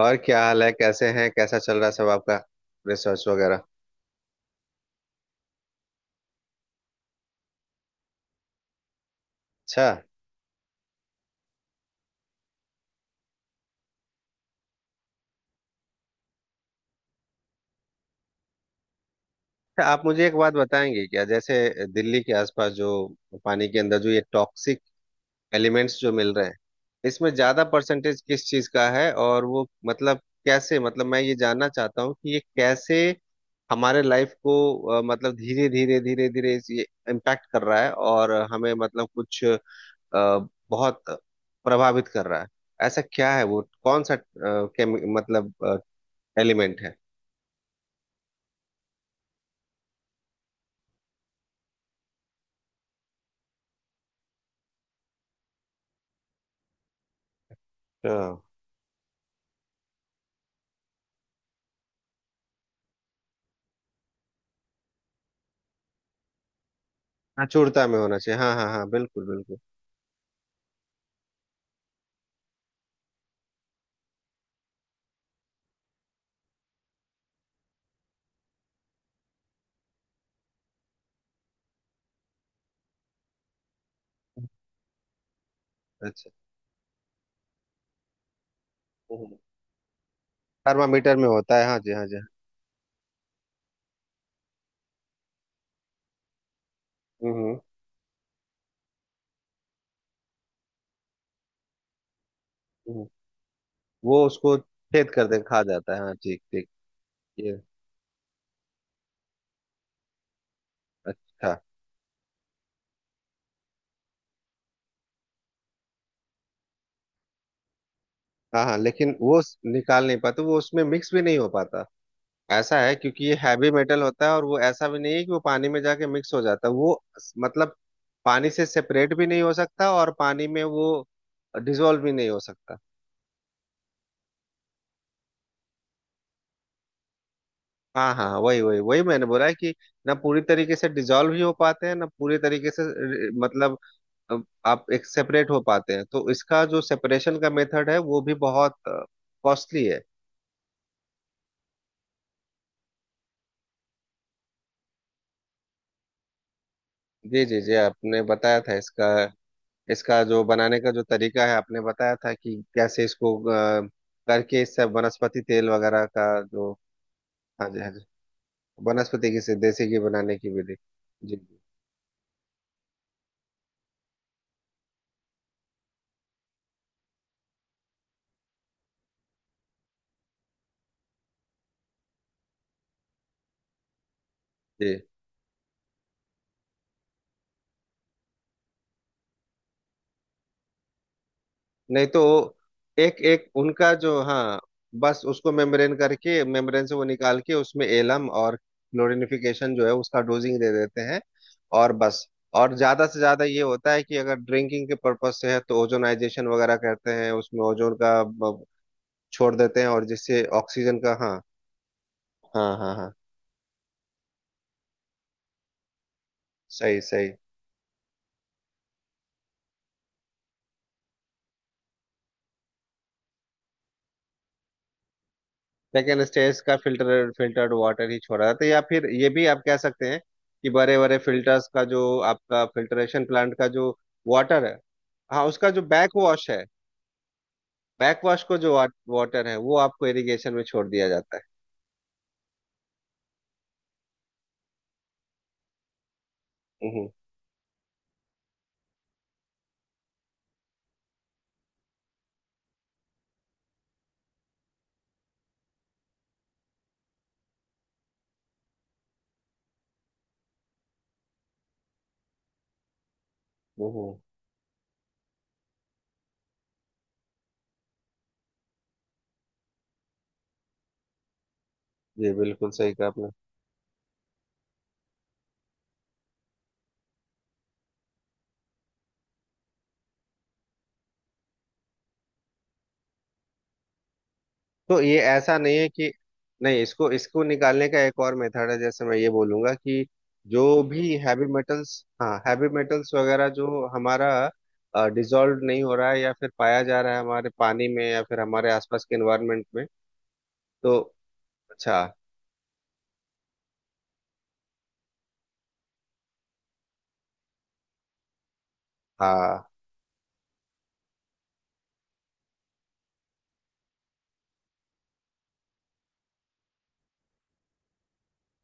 और क्या हाल है कैसे हैं कैसा चल रहा है सब आपका रिसर्च वगैरह। अच्छा, अच्छा, आप मुझे एक बात बताएंगे क्या जैसे दिल्ली के आसपास जो पानी के अंदर जो ये टॉक्सिक एलिमेंट्स जो मिल रहे हैं इसमें ज्यादा परसेंटेज किस चीज का है और वो मतलब कैसे मतलब मैं ये जानना चाहता हूँ कि ये कैसे हमारे लाइफ को मतलब धीरे धीरे धीरे धीरे ये इम्पैक्ट कर रहा है और हमें मतलब कुछ बहुत प्रभावित कर रहा है। ऐसा क्या है वो कौन सा मतलब एलिमेंट है। हाँ हाँ, चूड़ता में होना चाहिए, हाँ हाँ हाँ, बिल्कुल बिल्कुल। अच्छा, थर्मामीटर में होता है, हाँ जी हाँ जी हाँ। हम्म हम्म हम्म। वो उसको छेद कर दे खा जाता है, हाँ, ठीक ठीक। ये अच्छा। हाँ हाँ, लेकिन वो निकाल नहीं पाते, वो उसमें मिक्स भी नहीं हो पाता ऐसा है क्योंकि ये हैवी मेटल होता है और वो ऐसा भी नहीं है कि वो पानी में जाके मिक्स हो जाता है, वो मतलब पानी से सेपरेट भी नहीं हो सकता और पानी में वो डिजोल्व भी नहीं हो सकता। हाँ हाँ हाँ, वही वही वही मैंने बोला है कि ना पूरी तरीके से डिजॉल्व ही हो पाते हैं ना पूरी तरीके से मतलब अ, आप एक सेपरेट हो पाते हैं तो इसका जो सेपरेशन का मेथड है वो भी बहुत कॉस्टली है। जी जी जी, आपने बताया था इसका। इसका जो बनाने का जो तरीका है आपने बताया था कि कैसे इसको करके इससे वनस्पति तेल वगैरह का जो। हाँ जी हाँ जी, वनस्पति की से देसी घी बनाने की विधि। जी जी जी। नहीं तो एक एक उनका जो, हाँ, बस उसको मेम्ब्रेन करके मेम्ब्रेन से वो निकाल के उसमें एलम और क्लोरिनिफिकेशन जो है उसका डोजिंग दे देते हैं, और बस। और ज्यादा से ज्यादा ये होता है कि अगर ड्रिंकिंग के पर्पज से है तो ओजोनाइजेशन वगैरह करते हैं उसमें ओजोन का छोड़ देते हैं और जिससे ऑक्सीजन का, हाँ। हाँ हाँ हाँ, सही सही। सेकेंड स्टेज का फिल्टर फिल्टर्ड वाटर ही छोड़ा जाता है, तो या फिर ये भी आप कह सकते हैं कि बड़े बड़े फिल्टर्स का जो आपका फिल्ट्रेशन प्लांट का जो वाटर है, हाँ, उसका जो बैक वॉश है, बैक वॉश को जो वाटर है वो आपको इरिगेशन में छोड़ दिया जाता है। हम्म हम्म। जी, बिल्कुल सही कहा आपने। तो ये ऐसा नहीं है कि, नहीं, इसको इसको निकालने का एक और मेथड है। जैसे मैं ये बोलूंगा कि जो भी हैवी मेटल्स, हाँ हैवी मेटल्स वगैरह जो हमारा डिजॉल्व नहीं हो रहा है या फिर पाया जा रहा है हमारे पानी में या फिर हमारे आसपास के एनवायरनमेंट में तो अच्छा। हाँ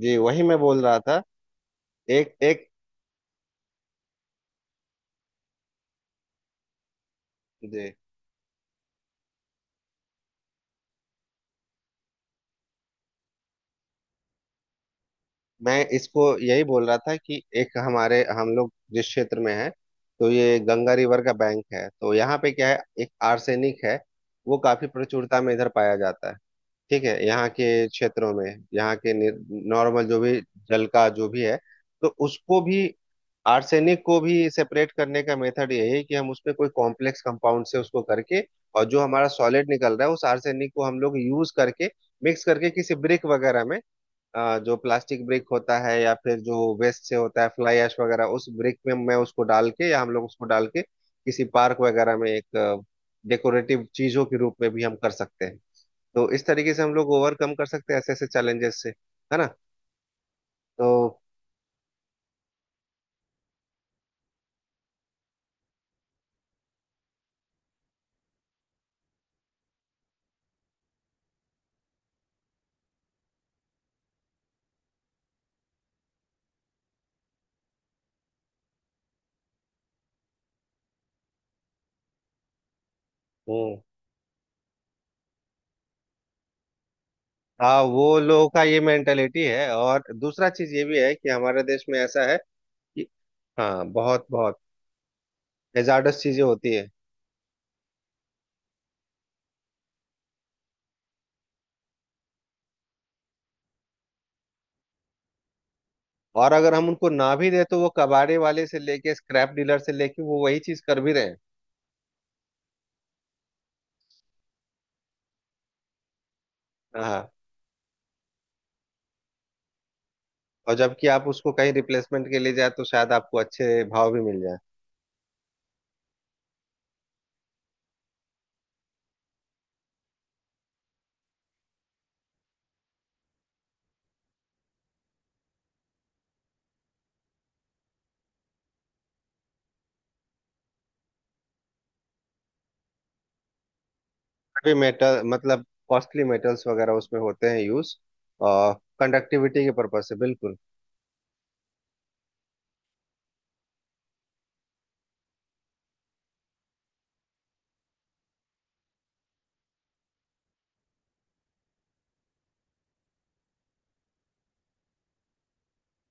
जी, वही मैं बोल रहा था, एक एक, जी, मैं इसको यही बोल रहा था कि एक हमारे हम लोग जिस क्षेत्र में है तो ये गंगा रिवर का बैंक है तो यहाँ पे क्या है एक आर्सेनिक है, वो काफी प्रचुरता में इधर पाया जाता है, ठीक है यहाँ के क्षेत्रों में, यहाँ के नॉर्मल जो भी जल का जो भी है तो उसको भी आर्सेनिक को भी सेपरेट करने का मेथड यही है कि हम उसमें कोई कॉम्प्लेक्स कंपाउंड से उसको करके और जो हमारा सॉलिड निकल रहा है उस आर्सेनिक को हम लोग यूज करके मिक्स करके किसी ब्रिक वगैरह में, जो प्लास्टिक ब्रिक होता है या फिर जो वेस्ट से होता है फ्लाई ऐश वगैरह उस ब्रिक में मैं उसको डाल के या हम लोग उसको डाल के किसी पार्क वगैरह में एक डेकोरेटिव चीजों के रूप में भी हम कर सकते हैं। तो इस तरीके से हम लोग ओवरकम कर सकते हैं ऐसे ऐसे चैलेंजेस से, है ना। तो हम्म, हाँ, वो लोगों का ये मेंटेलिटी है और दूसरा चीज ये भी है कि हमारे देश में ऐसा है कि, हाँ, बहुत बहुत हैजार्डस चीजें होती है और अगर हम उनको ना भी दे तो वो कबाड़े वाले से लेके स्क्रैप डीलर से लेके वो वही चीज कर भी रहे हैं, हाँ। और जबकि आप उसको कहीं रिप्लेसमेंट के लिए जाए तो शायद आपको अच्छे भाव भी मिल जाए, भी मेटल मतलब कॉस्टली मेटल्स वगैरह उसमें होते हैं यूज और कंडक्टिविटी के पर्पज से बिल्कुल।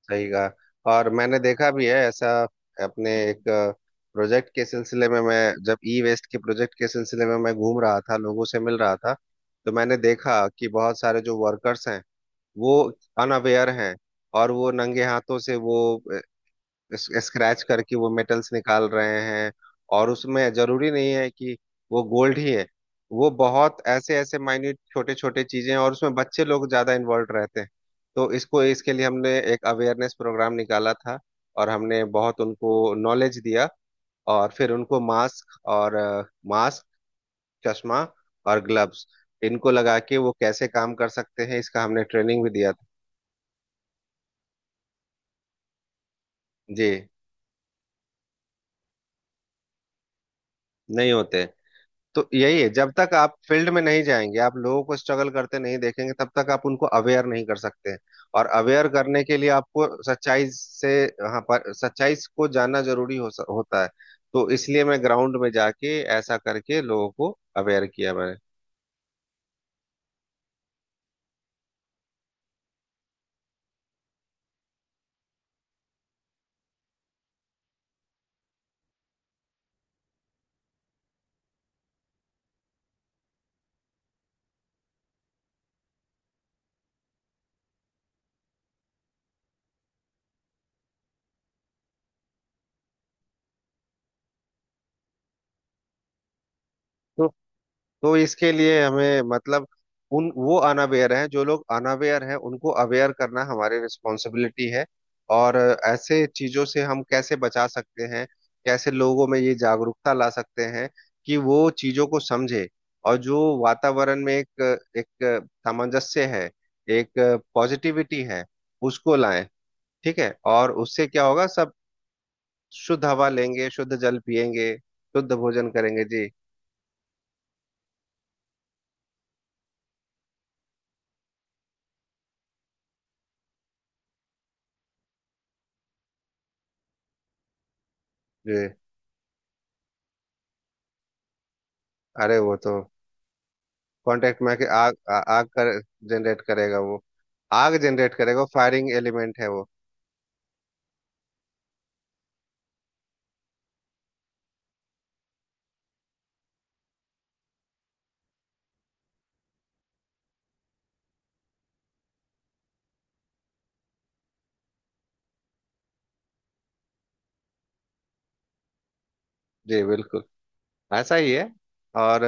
सही कहा और मैंने देखा भी है ऐसा। अपने एक प्रोजेक्ट के सिलसिले में मैं जब ई वेस्ट के प्रोजेक्ट के सिलसिले में मैं घूम रहा था लोगों से मिल रहा था तो मैंने देखा कि बहुत सारे जो वर्कर्स हैं वो अनअवेयर हैं और वो नंगे हाथों से वो स्क्रैच करके वो मेटल्स निकाल रहे हैं और उसमें जरूरी नहीं है कि वो गोल्ड ही है, वो बहुत ऐसे ऐसे माइन्यूट छोटे छोटे चीजें हैं और उसमें बच्चे लोग ज्यादा इन्वॉल्व रहते हैं। तो इसको इसके लिए हमने एक अवेयरनेस प्रोग्राम निकाला था और हमने बहुत उनको नॉलेज दिया और फिर उनको मास्क और मास्क चश्मा और ग्लव्स, इनको लगा के वो कैसे काम कर सकते हैं इसका हमने ट्रेनिंग भी दिया था। जी नहीं होते, तो यही है जब तक आप फील्ड में नहीं जाएंगे आप लोगों को स्ट्रगल करते नहीं देखेंगे तब तक आप उनको अवेयर नहीं कर सकते हैं और अवेयर करने के लिए आपको सच्चाई से, हाँ, पर सच्चाई को जानना जरूरी होता है, तो इसलिए मैं ग्राउंड में जाके ऐसा करके लोगों को अवेयर किया मैंने। तो तो इसके लिए हमें मतलब उन वो अनअवेयर हैं जो लोग अनअवेयर हैं उनको अवेयर करना हमारी रिस्पॉन्सिबिलिटी है। और ऐसे चीजों से हम कैसे बचा सकते हैं, कैसे लोगों में ये जागरूकता ला सकते हैं कि वो चीजों को समझे और जो वातावरण में एक एक सामंजस्य है, एक पॉजिटिविटी है, उसको लाएं, ठीक है। और उससे क्या होगा, सब शुद्ध हवा लेंगे, शुद्ध जल पिएंगे, शुद्ध भोजन करेंगे, जी। जी, अरे वो तो कांटेक्ट में आके आग कर जनरेट करेगा वो, आग जनरेट करेगा वो, फायरिंग एलिमेंट है वो। जी बिल्कुल, ऐसा ही है। और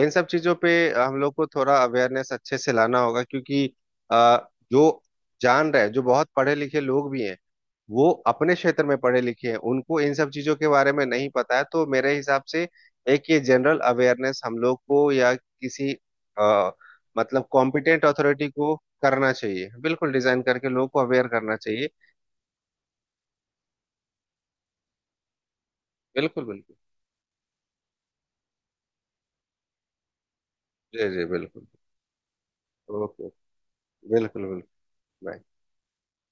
इन सब चीजों पे हम लोग को थोड़ा अवेयरनेस अच्छे से लाना होगा क्योंकि जो जान रहे जो बहुत पढ़े लिखे लोग भी हैं वो अपने क्षेत्र में पढ़े लिखे हैं उनको इन सब चीजों के बारे में नहीं पता है, तो मेरे हिसाब से एक ये जनरल अवेयरनेस हम लोग को या किसी आ, मतलब कॉम्पिटेंट अथॉरिटी को करना चाहिए, बिल्कुल, डिजाइन करके लोगों को अवेयर करना चाहिए, बिल्कुल बिल्कुल। जी जी बिल्कुल। ओके, बिल्कुल बिल्कुल। Bye.